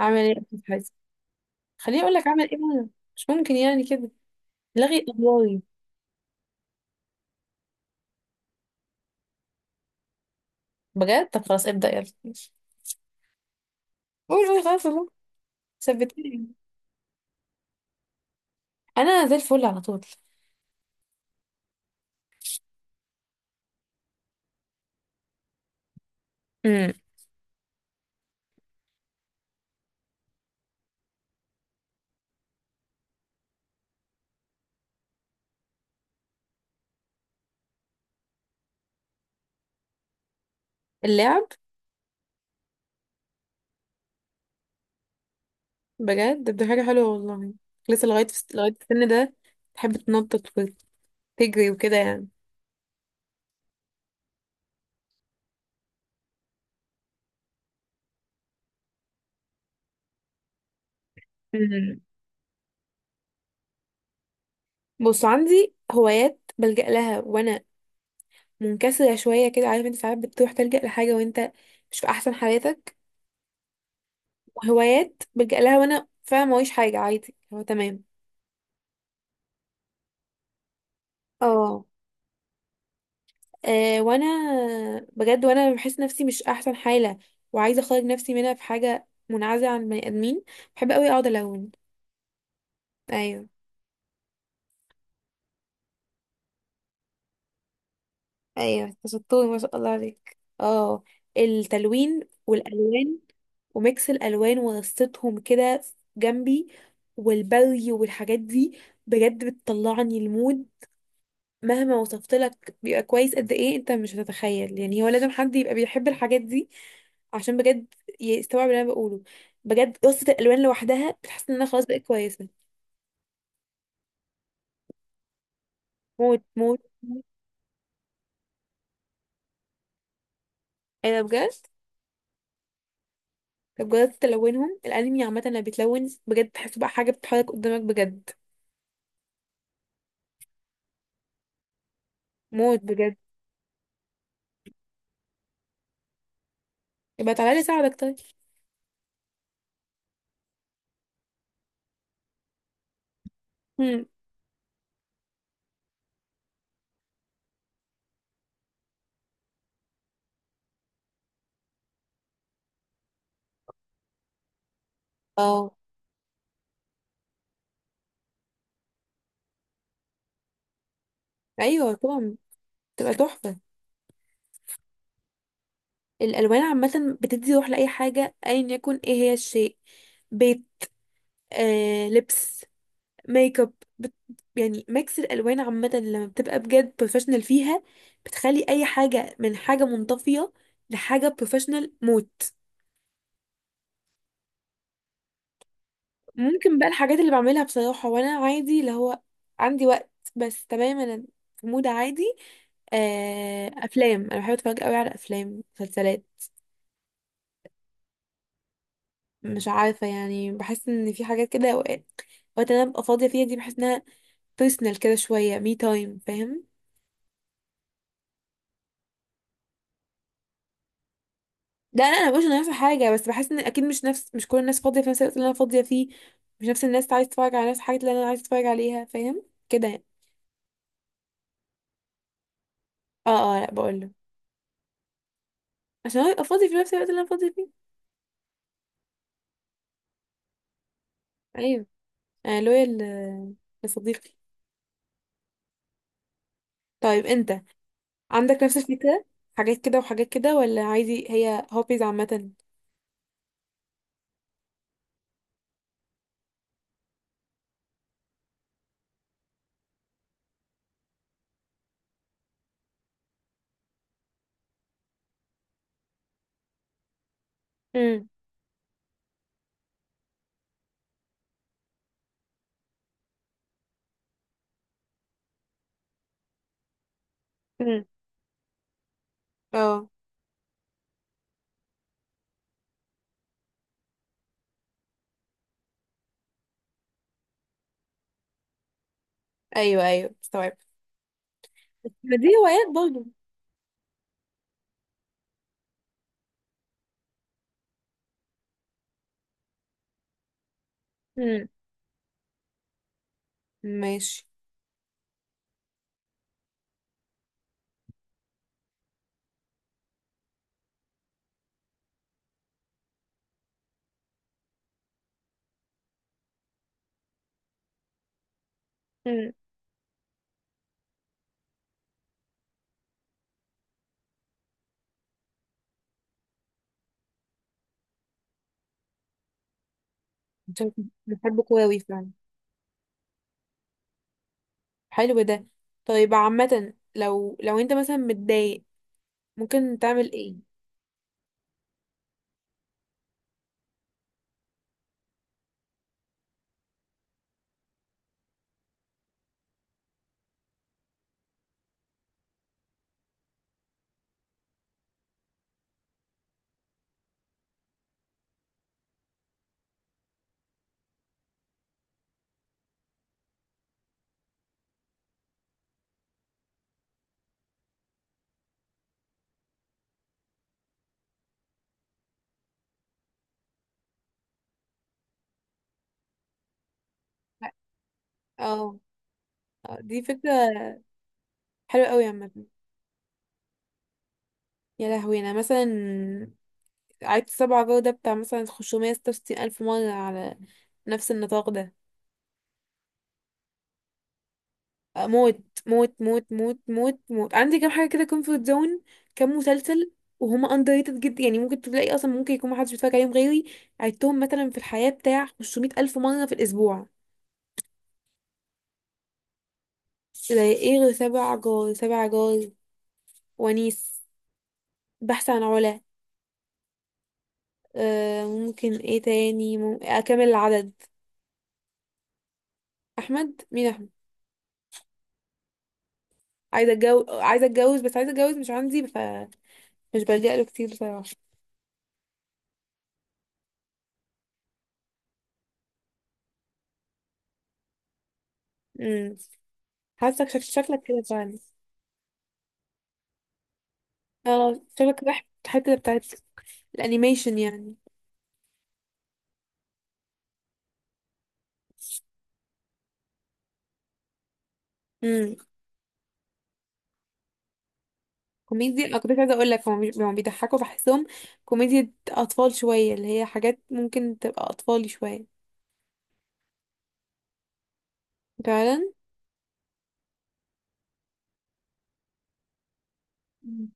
اعمل ايه في حياتي. خليني اقول لك اعمل ايه بقى. مش ممكن يعني كده. لغي الله. بجد طب خلاص ابدا يلا ماشي. قول قول خلاص والله. ثبتني. انا زي الفل على طول. امم اللعب. بجد ده حاجه حلوه والله. لسه لغايه في السن ده. تحب تنطط وتجري وكده يعني. امم بص عندي هوايات بلجأ لها وانا منكسره شويه كده، عارف انت ساعات بتروح تلجأ لحاجه وانت مش في احسن حالاتك، وهوايات بلجأ لها وانا فعلا موريش حاجه عادي هو تمام. اه. وانا بجد وانا بحس نفسي مش احسن حالة وعايزة اخرج نفسي منها، في حاجة منعزلة عن بني ادمين بحب قوي اقعد الون. ايوه. ايوه أنت شطور، ما شاء الله عليك. اه التلوين والالوان وميكس الالوان ورصتهم كده جنبي والبري والحاجات دي بجد بتطلعني المود. مهما وصفت لك بيبقى كويس قد ايه انت مش هتتخيل، يعني هو لازم حد يبقى بيحب الحاجات دي عشان بجد يستوعب اللي انا بقوله. بجد قصة الالوان لوحدها بتحس ان انا خلاص بقيت كويسة. موت موت موت. ايه ده بجد. طب جربت تلونهم؟ الانمي عامة لما بيتلون بجد تحسه بقى حاجة بتتحرك قدامك بجد، موت بجد. يبقى تعالى لي ساعدك طيب. هم. اه. ايوه طبعا. تبقى تحفة. الالوان عامة بتدي روح لاي حاجة ايا يكن ايه هي الشيء، بيت، آه لبس، ميك اب، بت... يعني ميكس الالوان عامه لما بتبقى بجد بروفيشنال فيها، بتخلي اي حاجه من حاجه منطفيه لحاجه بروفيشنال موت. ممكن بقى الحاجات اللي بعملها بصراحه وانا عادي اللي هو عندي وقت بس تمام انا في مود عادي. افلام، انا بحب اتفرج قوي على افلام مسلسلات. مش عارفه يعني، بحس ان في حاجات كده اوقات وقت انا ببقى فاضيه فيها دي بحس انها بيرسونال كده شويه، مي تايم، فاهم؟ ده انا مش انا في حاجه، بس بحس ان اكيد مش كل الناس فاضيه في نفس الوقت اللي انا فاضيه فيه، مش نفس الناس عايز تتفرج على نفس الحاجات اللي انا عايز اتفرج عليها، فاهم كده يعني. اه اه، لا بقول له، عشان هو يبقى فاضي في نفس الوقت اللي انا فاضيه فيه. ايوه. انا لويا لصديقي. طيب انت عندك نفس الفكره؟ حاجات كده وحاجات كده ولا عادي هي هوبيز عامه؟ امم امم. اه ايوه ايوه استوعب. ما دي هوايات برضه. امم ماشي. امم بحب كواوي فعلا. حلو ده. طيب عامة لو انت مثلا متضايق، ممكن تعمل ايه؟ اه. آه، دي فكرة حلوة قوي عامة. يا لهوي، انا مثلا عدت سبعة جو ده بتاع مثلا 566,000 ألف مرة على نفس النطاق ده. آه، موت موت موت موت موت موت. عندي كام حاجة كده كومفورت زون، كام مسلسل وهما underrated جدا، يعني ممكن تلاقي اصلا ممكن يكون محدش بيتفرج عليهم غيري، عدتهم مثلا في الحياة بتاع 500,000 ألف مرة في الأسبوع. زي ايه غير سبع جار؟ سبع جار، ونيس، بحث عن علا، آه ممكن ايه تاني اكمل العدد. احمد، مين احمد. عايزه اتجوز، عايزه اتجوز، بس عايزه اتجوز مش عندي، فمش بلجأ له كتير بصراحه. امم حاسك شكلك كده فعلا. اه شكلك رايح الحته بتاعت الانيميشن يعني. امم كوميديا، انا كنت عايزه اقول لك هم هم بيضحكوا بحسهم كوميديا اطفال شويه، اللي هي حاجات ممكن تبقى اطفالي شويه. فعلا. مم.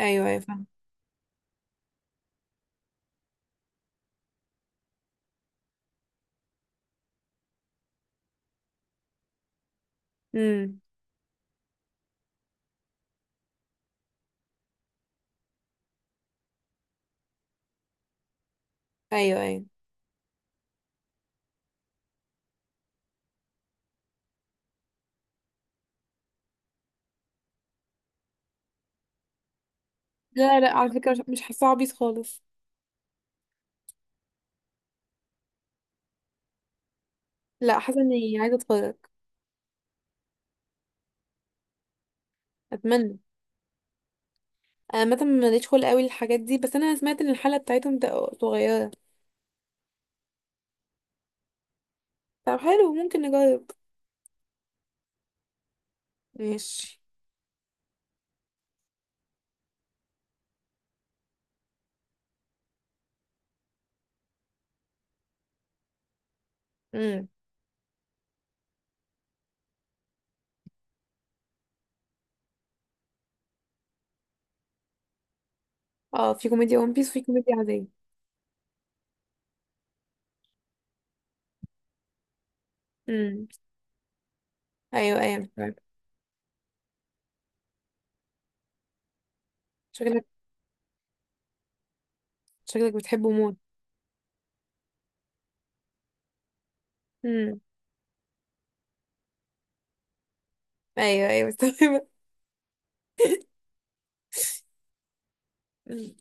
ايوه ايوه فاهمة. امم ايوه ايوه. لا لا على فكرة مش، مش حاسة عبيط خالص. لا حاسة اني عايزة اتفرج. اتمنى. انا مثلا ماليش خلق قوي للحاجات دي، بس انا سمعت ان الحلقة بتاعتهم صغيرة. طب حلو ممكن نجرب. ماشي. امم اه. في كوميديا ون بيس وفي كوميديا عادية. امم ايوه ايوه مستوعبة. شكلك شكلك بتحبه موت. امم ايوه ايوه مستوعبة. مم.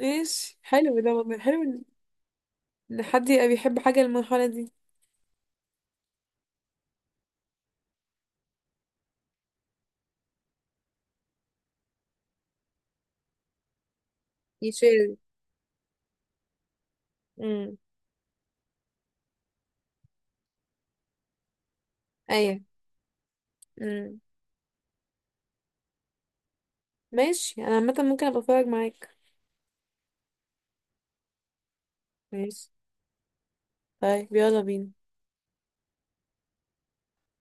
ماشي حلو ده والله، حلو ان إن حد يبقى بيحب حاجة المرحلة دي. يشير. امم ايوه. امم ماشي، انا عامة ممكن ابقى اتفرج معاك. ماشي. طيب يلا بينا.